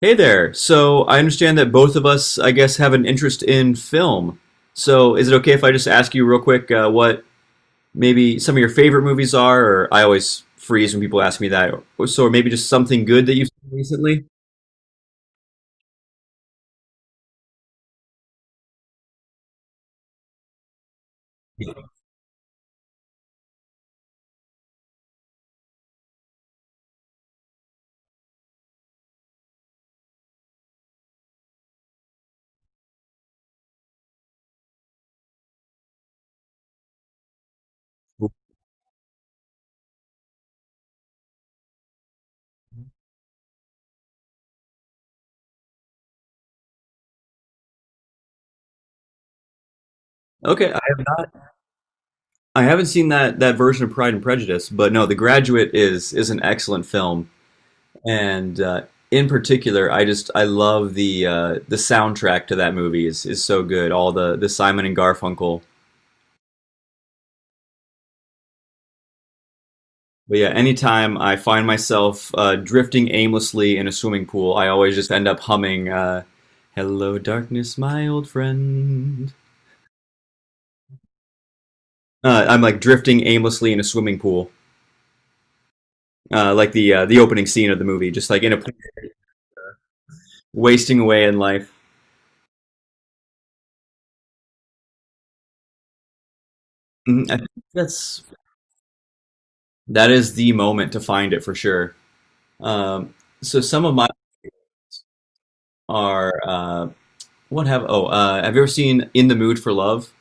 Hey there. So I understand that both of us, I guess, have an interest in film. So is it okay if I just ask you real quick, what maybe some of your favorite movies are? Or I always freeze when people ask me that. Or maybe just something good that you've seen recently. Okay, I haven't seen that version of Pride and Prejudice, but no, The Graduate is an excellent film, and in particular, I just I love the the soundtrack to that movie is so good. All the Simon and Garfunkel. But yeah, anytime I find myself drifting aimlessly in a swimming pool, I always just end up humming, hello, darkness, my old friend. I'm like drifting aimlessly in a swimming pool, like the the opening scene of the movie, just like in a wasting away in life. Mhm, I think that's that is the moment to find it for sure. Um, so some of mine are what have oh have you ever seen In the Mood for Love?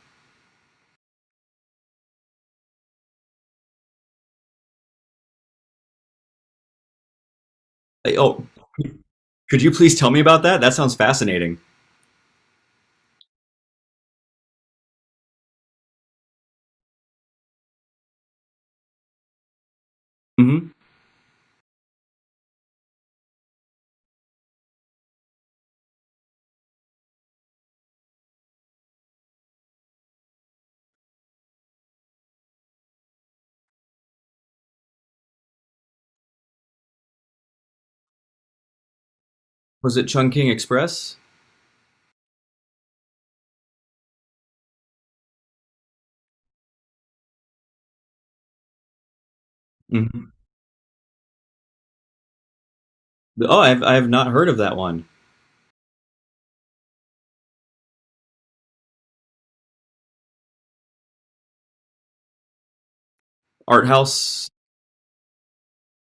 Like, oh, could you please tell me about that? That sounds fascinating. Mm-hmm. Was it Chungking Express? Hmm. Oh, I have not heard of that one. Art house.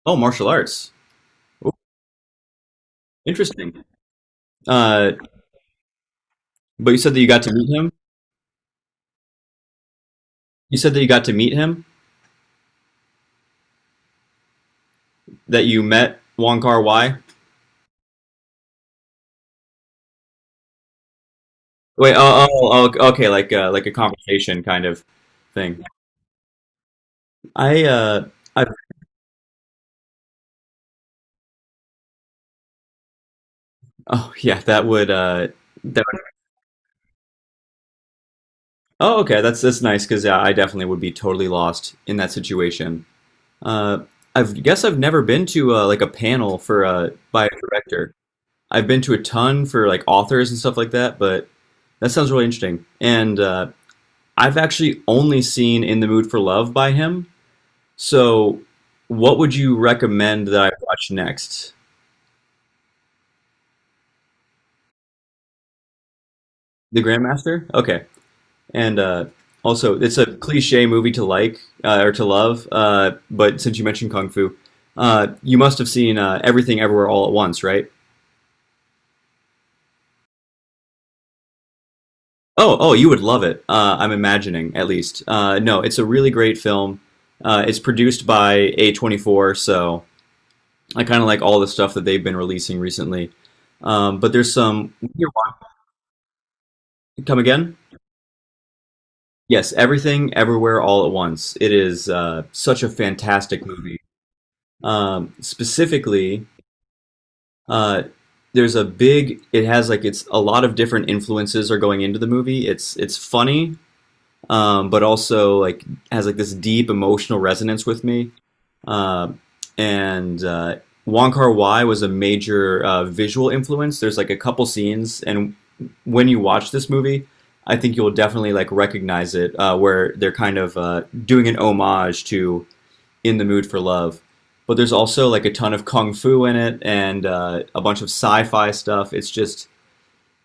Oh, martial arts. Oh, interesting. Uh, but you said that you got to meet him. You said that you got to meet him. That you met Wong Kar Wai. Wait. Oh, okay. Okay, like like a conversation kind of thing. I uh, I Oh yeah, that would, oh okay, that's nice because yeah, I definitely would be totally lost in that situation. Uh, I guess I've never been to like a panel for by a director. I've been to a ton for like authors and stuff like that, but that sounds really interesting. And I've actually only seen In the Mood for Love by him. So, what would you recommend that I watch next? The Grandmaster? Okay. And also, it's a cliche movie to like, or to love, but since you mentioned Kung Fu, you must have seen, Everything Everywhere All at Once, right? Oh, you would love it. I'm imagining, at least. No, it's a really great film. It's produced by A24, so I kind of like all the stuff that they've been releasing recently. But there's some. Come again? Yes, Everything, Everywhere, All at Once. It is such a fantastic movie. Specifically, uh, there's a big. It has like it's a lot of different influences are going into the movie. It's funny, but also like has like this deep emotional resonance with me. Uh, and Wong Kar Wai was a major visual influence. There's like a couple scenes, and when you watch this movie, I think you'll definitely like recognize it, where they're kind of doing an homage to "In the Mood for Love." But there's also like a ton of kung fu in it and a bunch of sci-fi stuff. It's just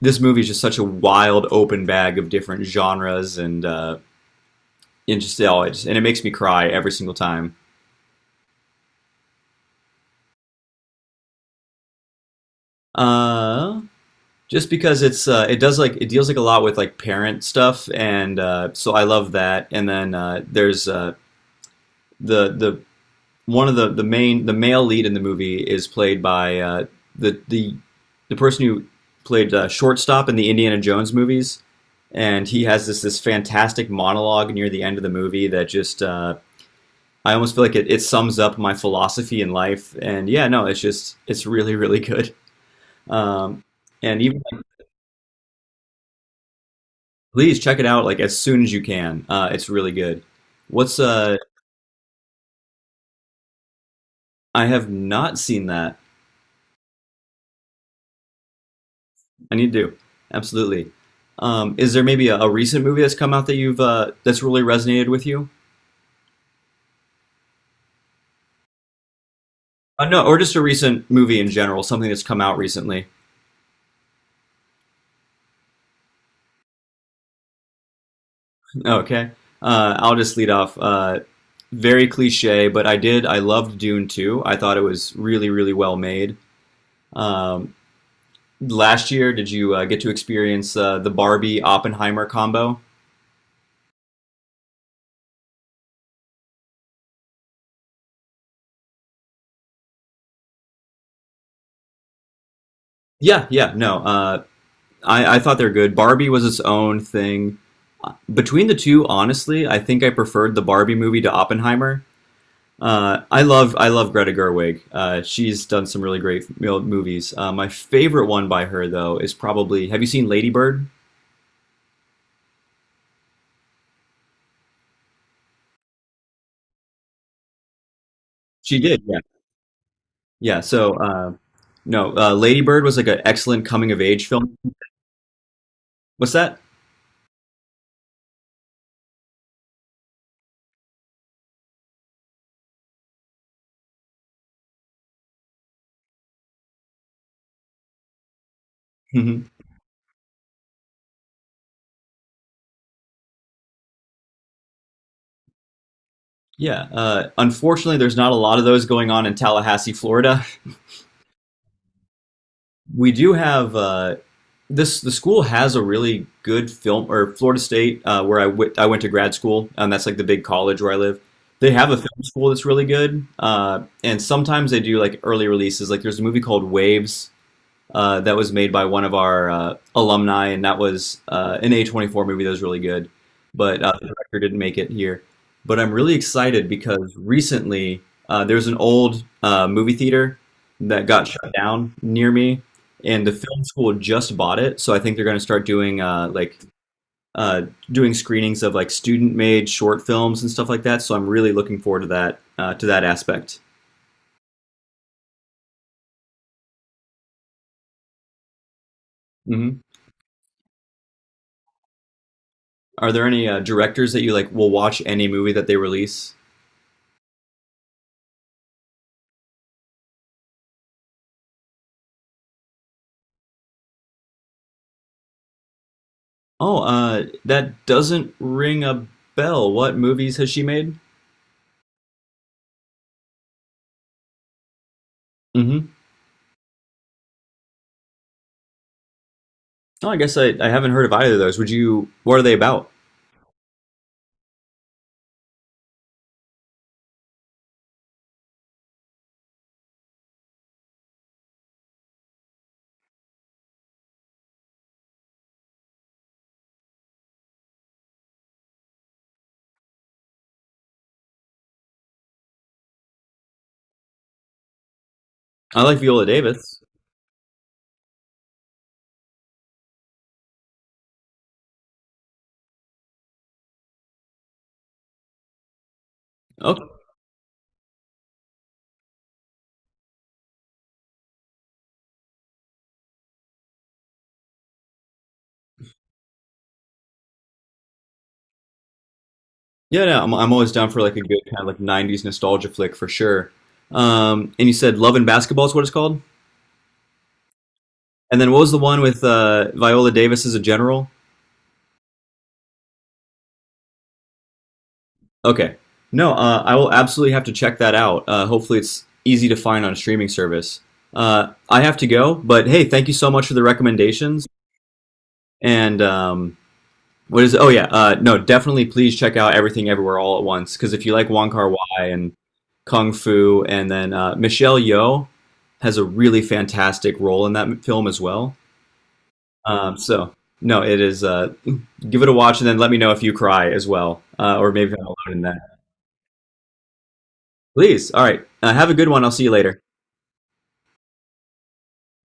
this movie is just such a wild open bag of different genres and it just, oh, and it makes me cry every single time. Uh, just because it's it does like it deals like a lot with like parent stuff and so I love that and then there's the one of the main the male lead in the movie is played by the the the person who played shortstop in the Indiana Jones movies and he has this fantastic monologue near the end of the movie that just I almost feel like it sums up my philosophy in life and yeah no it's just it's really really good um, and even Please check it out like as soon as you can. It's really good. What's uh? I have not seen that. I need to. Absolutely. Is there maybe a recent movie that's come out that you've that's really resonated with you? No, or just a recent movie in general, something that's come out recently. Okay. I'll just lead off. Very cliche, but I did. I loved Dune 2. I thought it was really, really well made. Um, last year, did you get to experience the Barbie Oppenheimer combo? Yeah, yeah, no. I thought they're good. Barbie was its own thing. Between the two, honestly, I think I preferred the Barbie movie to Oppenheimer. I love Greta Gerwig. She's done some really great movies. My favorite one by her though is probably Have you seen Lady Bird? She did, yeah, yeah. So no, Lady Bird was like an excellent coming of age film. What's that? Hmm. Yeah. Unfortunately, there's not a lot of those going on in Tallahassee, Florida. We do have this the school has a really good film or Florida State where I went to grad school and that's like the big college where I live. They have a film school that's really good, and sometimes they do like early releases. Like there's a movie called Waves that was made by one of our alumni, and that was an A24 movie that was really good, but the director didn't make it here. But I'm really excited because recently there's an old movie theater that got shut down near me, and the film school just bought it, so I think they're going to start doing uh, doing screenings of like student-made short films and stuff like that. So I'm really looking forward to that aspect. Hmm. Are there any directors that you like will watch any movie that they release? Oh, that doesn't ring a bell. What movies has she made? Hmm. Oh, I guess I haven't heard of either of those. Would you? What are they about? I like Viola Davis. Oh, yeah, yeah. I'm always down for like a good kind of like '90s nostalgia flick for sure. And you said Love and Basketball is what it's called. And then what was the one with Viola Davis as a general? Okay. No, I will absolutely have to check that out. Hopefully, it's easy to find on a streaming service. I have to go, but hey, thank you so much for the recommendations. And what is? Oh yeah, no, definitely. Please check out Everything Everywhere All at Once because if you like Wong Kar Wai and Kung Fu, and then Michelle Yeoh has a really fantastic role in that film as well. So no, it is. Give it a watch and then let me know if you cry as well, or maybe I'm alone in that. Please. All right. Have a good one. I'll see you later.